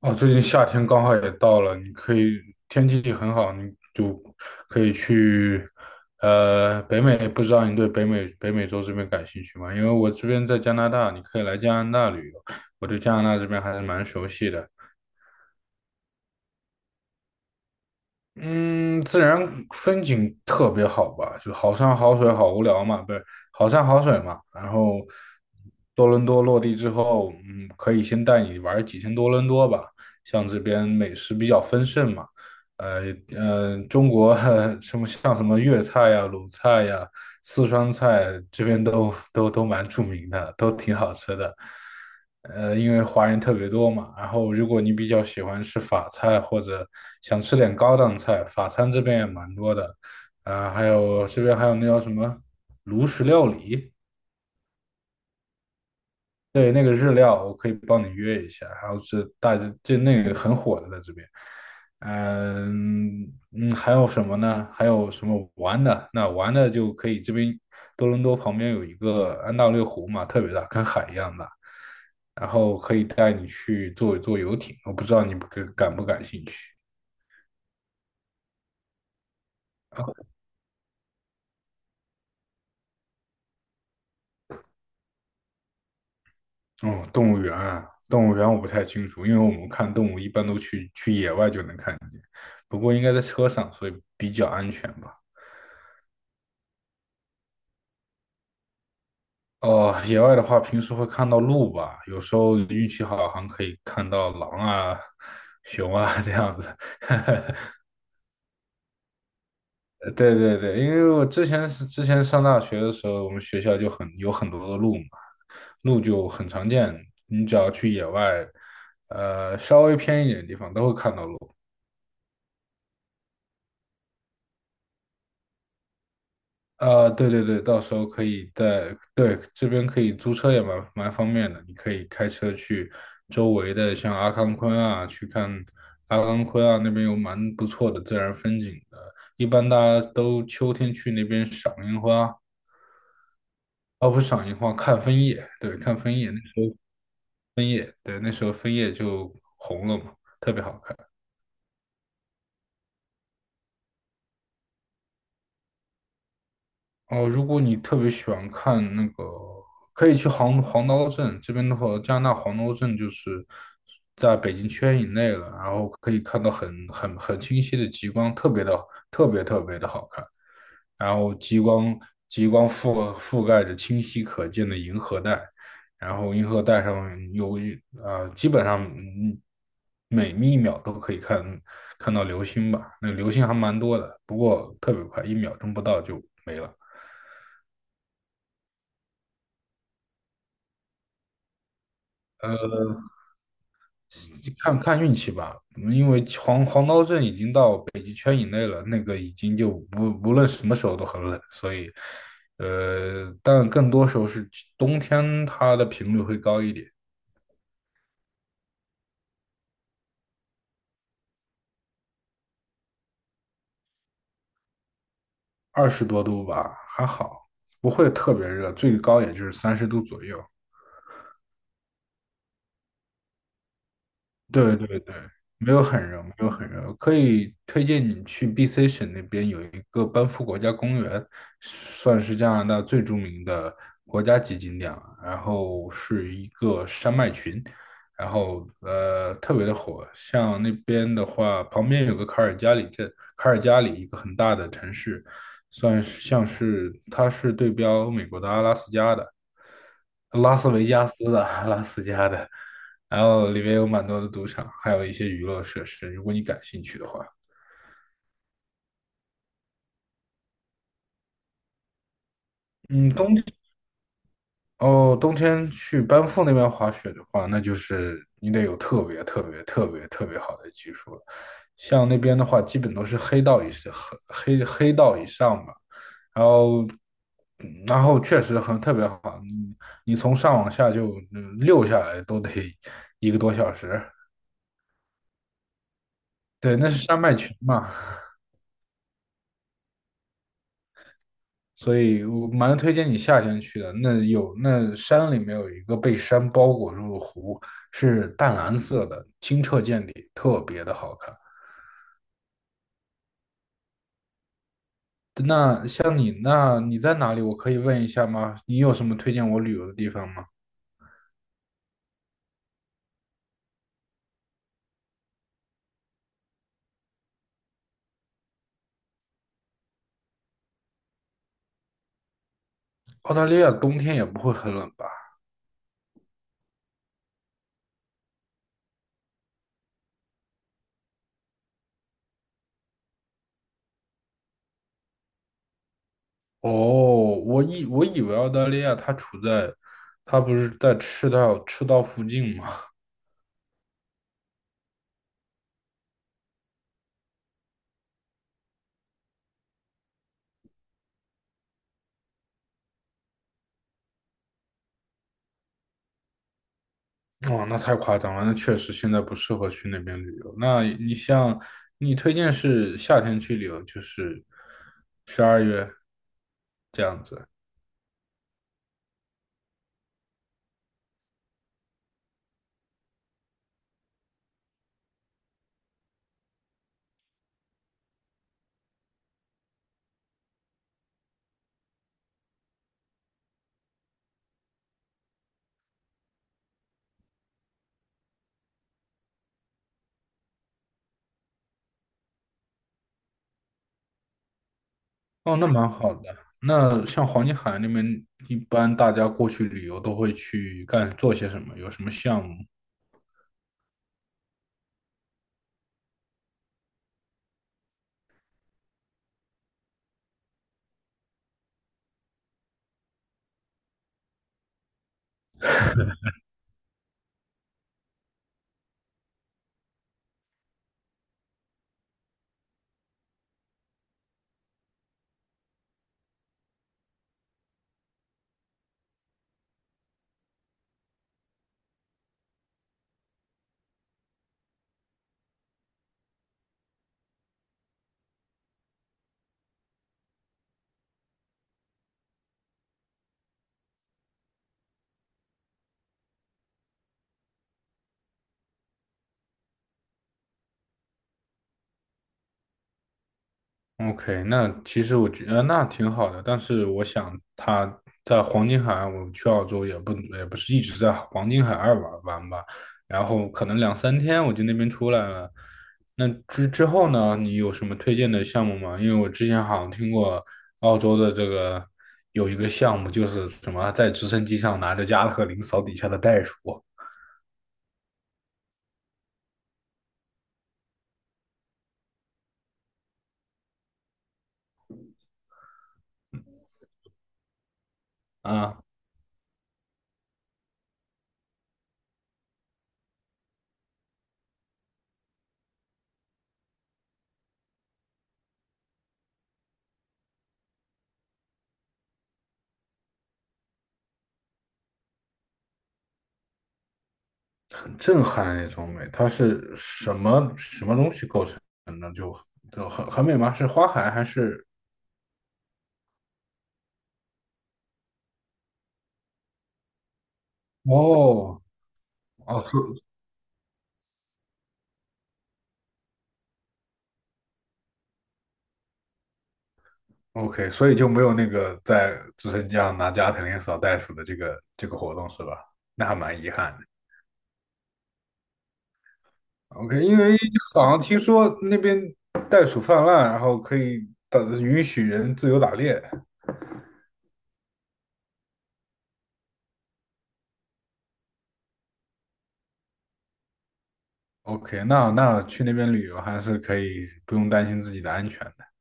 哦，最近夏天刚好也到了，你可以天气很好，你就可以去北美。不知道你对北美洲这边感兴趣吗？因为我这边在加拿大，你可以来加拿大旅游。我对加拿大这边还是蛮熟悉的。嗯，自然风景特别好吧，就好山好水好无聊嘛，不是好山好水嘛。然后多伦多落地之后，可以先带你玩几天多伦多吧。像这边美食比较丰盛嘛，呃中国 什么像什么粤菜呀、鲁菜呀，四川菜这边都蛮著名的，都挺好吃的。因为华人特别多嘛，然后如果你比较喜欢吃法菜或者想吃点高档菜，法餐这边也蛮多的。还有这边还有那叫什么炉石料理，对，那个日料我可以帮你约一下，然后是那个很火的在这边。嗯还有什么呢？还有什么玩的？那玩的就可以这边多伦多旁边有一个安大略湖嘛，特别大，跟海一样大，然后可以带你去坐坐游艇，我不知道你不感感不感兴趣。哦，嗯动物园啊，动物园我不太清楚，因为我们看动物一般都去野外就能看见，不过应该在车上，所以比较安全吧。哦，野外的话，平时会看到鹿吧，有时候运气好，还可以看到狼啊、熊啊这样子。对对对，因为我之前是之前上大学的时候，我们学校就有很多的鹿嘛，鹿就很常见，你只要去野外，稍微偏一点的地方都会看到鹿。啊，对对对，到时候可以在，对，这边可以租车也蛮方便的，你可以开车去周围的像阿康昆啊，去看阿康昆啊，那边有蛮不错的自然风景的。一般大家都秋天去那边赏樱花，哦，不是赏樱花，看枫叶，对，看枫叶，那时候，对，那时候枫叶就红了嘛，特别好看。哦，如果你特别喜欢看那个，可以去黄刀镇这边的话，加拿大黄刀镇就是在北京圈以内了，然后可以看到很清晰的极光，特别特别的好看。然后极光覆盖着清晰可见的银河带，然后银河带上基本上每一秒都可以看到流星吧，那个流星还蛮多的，不过特别快，一秒钟不到就没了。呃，看看运气吧，因为黄刀镇已经到北极圈以内了，那个已经就不无论什么时候都很冷，所以，但更多时候是冬天它的频率会高一点，20多度吧，还好，不会特别热，最高也就是30度左右。对对对，没有很热，没有很热，可以推荐你去 BC 省那边有一个班夫国家公园，算是加拿大最著名的国家级景点了。然后是一个山脉群，然后特别的火。像那边的话，旁边有个卡尔加里镇，卡尔加里一个很大的城市，算是像是它是对标美国的阿拉斯加的，拉斯维加斯的阿拉斯加的。然后里面有蛮多的赌场，还有一些娱乐设施，如果你感兴趣的话。嗯。哦，冬天去班夫那边滑雪的话，那就是你得有特别特别特别特别好的技术了。像那边的话，基本都是黑道以上，黑道以上吧。然后，然后确实很特别好，你从上往下就溜下来都得一个多小时。对，那是山脉群嘛。所以我蛮推荐你夏天去的。那有那山里面有一个被山包裹住的湖，是淡蓝色的，清澈见底，特别的好看。那你在哪里？我可以问一下吗？你有什么推荐我旅游的地方吗？澳大利亚冬天也不会很冷吧？哦，我以为澳大利亚它不是在赤道附近吗？哦，那太夸张了，那确实现在不适合去那边旅游。那你推荐是夏天去旅游，就是12月这样子。哦，那蛮好的。那像黄金海岸那边，一般大家过去旅游都会去干做些什么？有什么项目？OK，那其实我觉得那挺好的，但是我想他在黄金海岸，我去澳洲也不是一直在黄金海岸玩玩吧，然后可能两三天我就那边出来了。那之后呢，你有什么推荐的项目吗？因为我之前好像听过澳洲的这个有一个项目，就是什么在直升机上拿着加特林扫底下的袋鼠啊，很震撼那种美。它是什么东西构成的？很美吗？是花海还是哦，哦所，OK，所以就没有那个在直升机上拿加特林扫袋鼠的这个活动是吧？那还蛮遗憾的。OK，因为好像听说那边袋鼠泛滥，然后可以打允许人自由打猎。OK，那去那边旅游还是可以不用担心自己的安全的。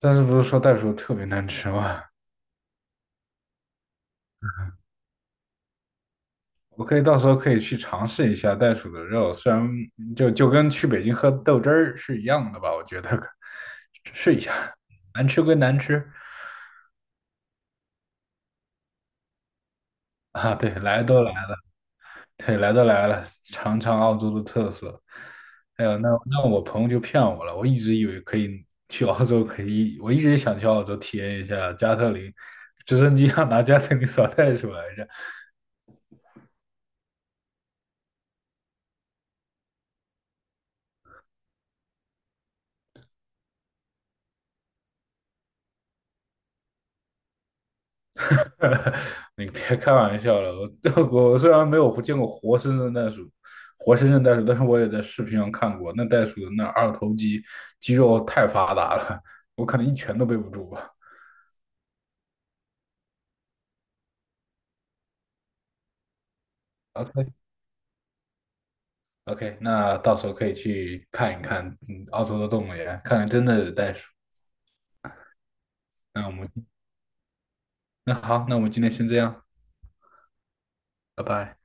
但是不是说袋鼠特别难吃吗？我可以到时候可以去尝试一下袋鼠的肉，虽然就跟去北京喝豆汁儿是一样的吧，我觉得可试一下，难吃归难吃啊，对，来都来了，对，来都来了，尝尝澳洲的特色。哎呦，那我朋友就骗我了，我一直以为可以去澳洲，可以，我一直想去澳洲体验一下加特林，直升机上拿加特林扫袋鼠来着，你别开玩笑了，我 我虽然没有见过活生生的袋鼠，活生生袋鼠，但是我也在视频上看过，那袋鼠的那二头肌肌肉太发达了，我可能一拳都背不住吧。OK， OK，那到时候可以去看一看，嗯，澳洲的动物园，看看真的袋鼠。那我们那好，那我们今天先这样，拜拜。